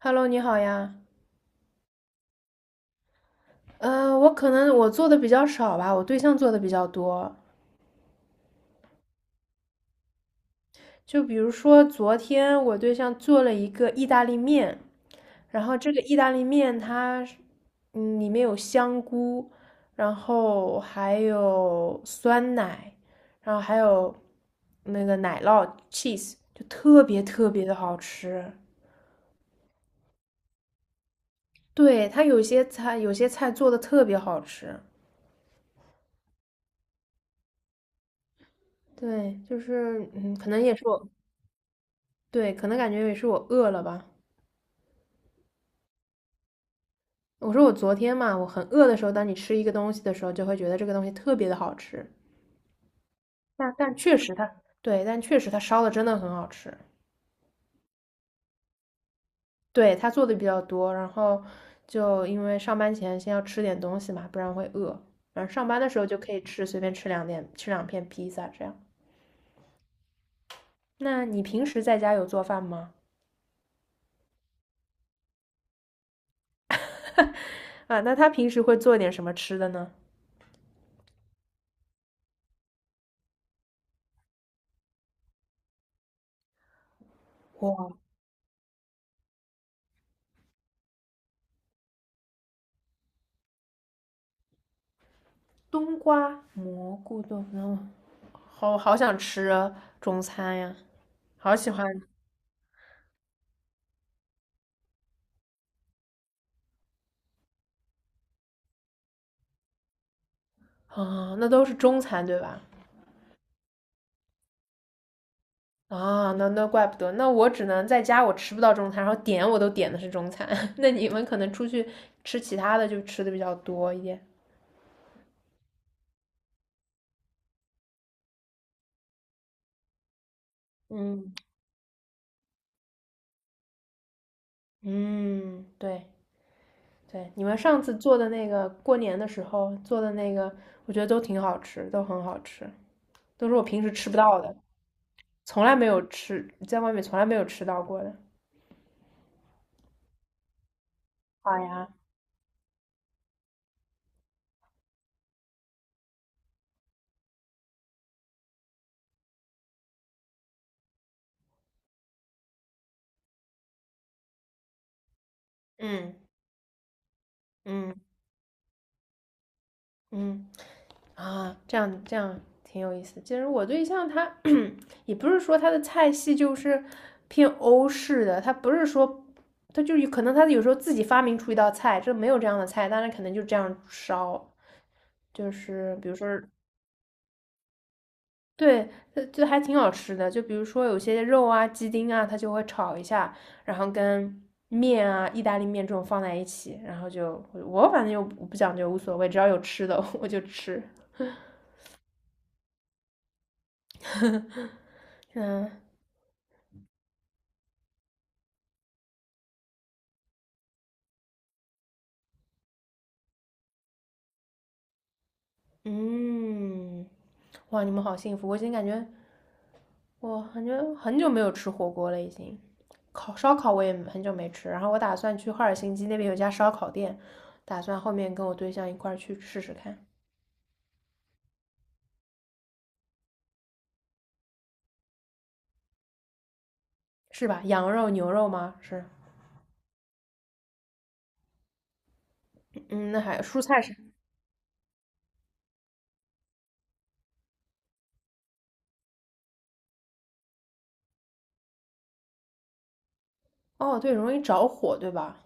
Hello，你好呀。我可能我做的比较少吧，我对象做的比较多。就比如说昨天我对象做了一个意大利面，然后这个意大利面它是里面有香菇，然后还有酸奶，然后还有那个奶酪 cheese，就特别特别的好吃。对，它有些菜做的特别好吃。对，就是可能也是我。对，可能感觉也是我饿了吧。我说我昨天嘛，我很饿的时候，当你吃一个东西的时候，就会觉得这个东西特别的好吃。但确实它，对，但确实它烧的真的很好吃。对，它做的比较多，然后就因为上班前先要吃点东西嘛，不然会饿。然后上班的时候就可以吃，随便吃两点，吃2片披萨这样。那你平时在家有做饭吗？啊，那他平时会做点什么吃的呢？哇，冬瓜蘑菇炖，好好想吃啊中餐呀，好喜欢啊！那都是中餐对吧？啊，那怪不得，那我只能在家我吃不到中餐，然后点我都点的是中餐。那你们可能出去吃其他的就吃的比较多一点。嗯嗯，对对，你们上次做的那个过年的时候做的那个，我觉得都挺好吃，都很好吃，都是我平时吃不到的，从来没有吃，在外面从来没有吃到过的。好呀，嗯嗯嗯。啊，这样挺有意思。其实我对象他也不是说他的菜系就是偏欧式的，他不是说他就有可能他有时候自己发明出一道菜，这没有这样的菜，但是可能就这样烧，就是比如说对，就还挺好吃的。就比如说有些肉啊、鸡丁啊，他就会炒一下，然后跟面啊、意大利面这种放在一起，然后就我反正又不讲究，无所谓，只要有吃的 我就吃。呵嗯嗯，哇，你们好幸福！我已经感觉，我感觉很久没有吃火锅了，已经。烤烧烤我也很久没吃，然后我打算去赫尔辛基那边有家烧烤店，打算后面跟我对象一块儿去试试看，是吧？羊肉、牛肉吗？是，嗯，那还有蔬菜是，哦，对，容易着火，对吧？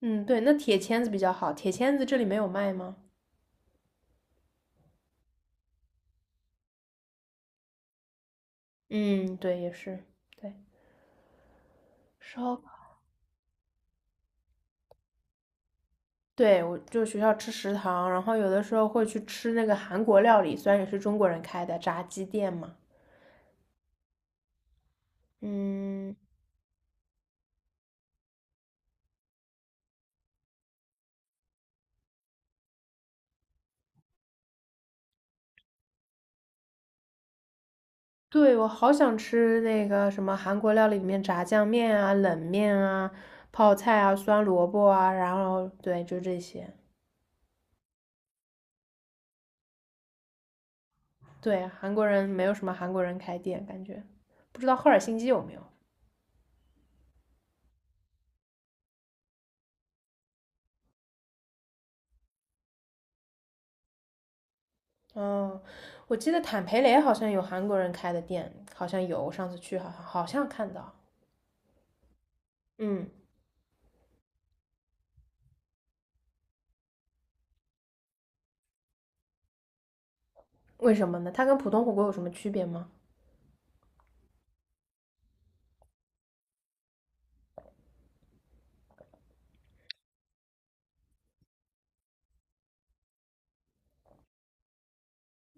嗯，对，那铁签子比较好，铁签子这里没有卖吗？嗯，对，也是，对，烧。对，我就学校吃食堂，然后有的时候会去吃那个韩国料理，虽然也是中国人开的炸鸡店嘛。嗯，对，我好想吃那个什么韩国料理里面炸酱面啊、冷面啊、泡菜啊、酸萝卜啊，然后对，就这些。对，韩国人没有什么韩国人开店，感觉不知道赫尔辛基有没有。哦，我记得坦培雷好像有韩国人开的店，好像有，我上次去好像看到。嗯，为什么呢？它跟普通火锅有什么区别吗？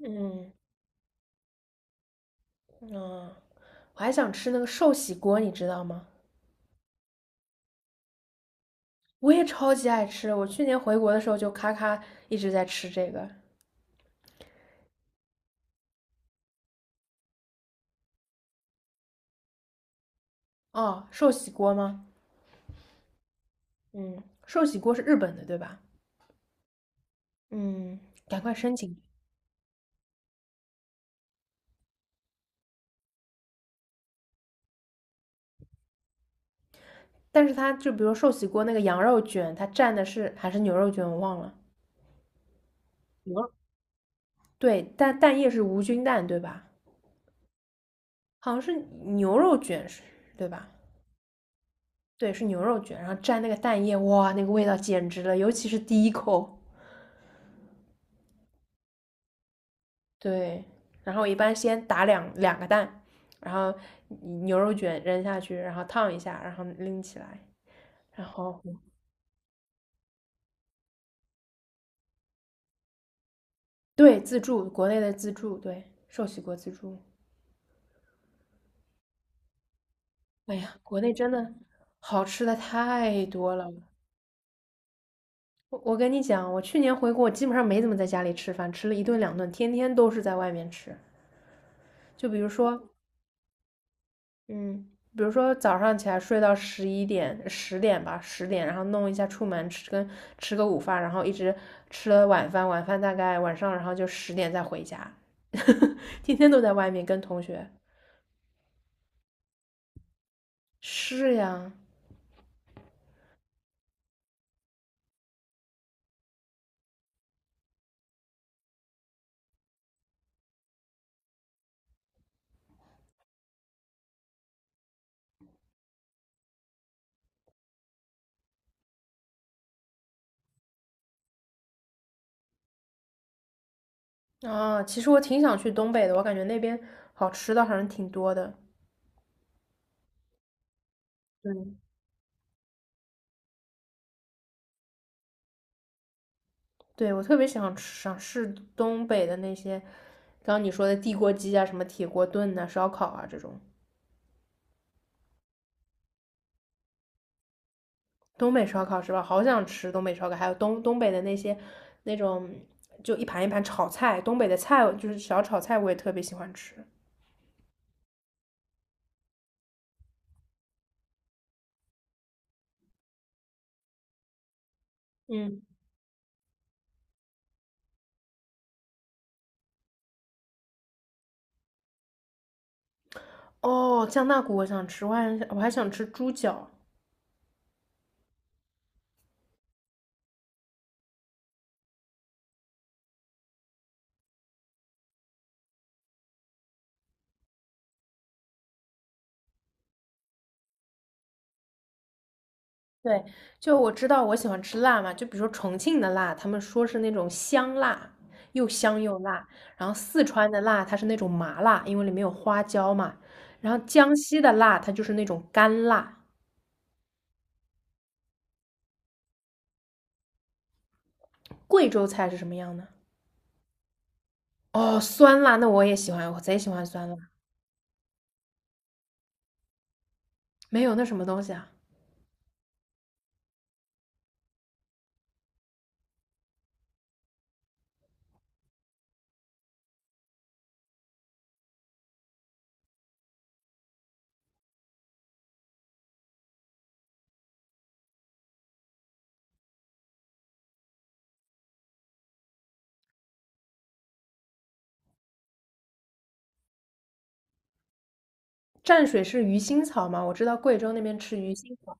嗯，啊，我还想吃那个寿喜锅，你知道吗？我也超级爱吃，我去年回国的时候就咔咔一直在吃这个。哦，寿喜锅吗？嗯，寿喜锅是日本的，对吧？嗯，赶快申请。但是它就比如寿喜锅那个羊肉卷，它蘸的是还是牛肉卷，我忘了。对，但蛋液是无菌蛋，对吧？好像是牛肉卷是，对吧？对，是牛肉卷，然后蘸那个蛋液，哇，那个味道简直了，尤其是第一口。对，然后一般先打两个蛋，然后牛肉卷扔下去，然后烫一下，然后拎起来，然后对自助，国内的自助，对，寿喜锅自助。哎呀，国内真的好吃的太多了。我跟你讲，我去年回国，我基本上没怎么在家里吃饭，吃了一顿两顿，天天都是在外面吃。就比如说，嗯，比如说早上起来睡到11点、十点吧，十点，然后弄一下出门吃跟吃个午饭，然后一直吃了晚饭，晚饭大概晚上，然后就十点再回家，天天都在外面跟同学。是呀，啊，其实我挺想去东北的，我感觉那边好吃的好像挺多的。嗯，对，我特别想吃想试东北的那些，刚刚你说的地锅鸡啊，什么铁锅炖呐、烧烤啊这种。东北烧烤是吧？好想吃东北烧烤，还有东北的那些那种就一盘一盘炒菜，东北的菜就是小炒菜，我也特别喜欢吃。嗯，哦，酱大骨我想吃，我还想吃猪脚。对，就我知道我喜欢吃辣嘛，就比如说重庆的辣，他们说是那种香辣，又香又辣。然后四川的辣，它是那种麻辣，因为里面有花椒嘛。然后江西的辣，它就是那种干辣。贵州菜是什么样呢？哦，酸辣，那我也喜欢，我贼喜欢酸辣。没有那什么东西啊？蘸水是鱼腥草吗？我知道贵州那边吃鱼腥草，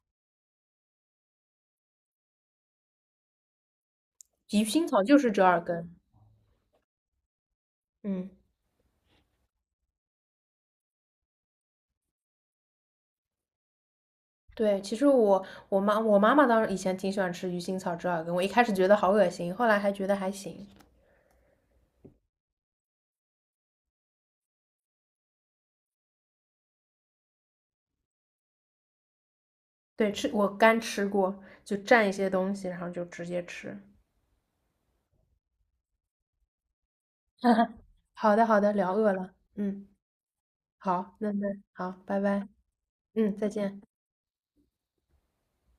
鱼腥草就是折耳根。嗯，对，其实我妈妈当时以前挺喜欢吃鱼腥草折耳根，我一开始觉得好恶心，后来还觉得还行。对，吃我干吃过，就蘸一些东西，然后就直接吃。好的，好的，聊饿了。嗯，好，那好，拜拜。嗯，再见。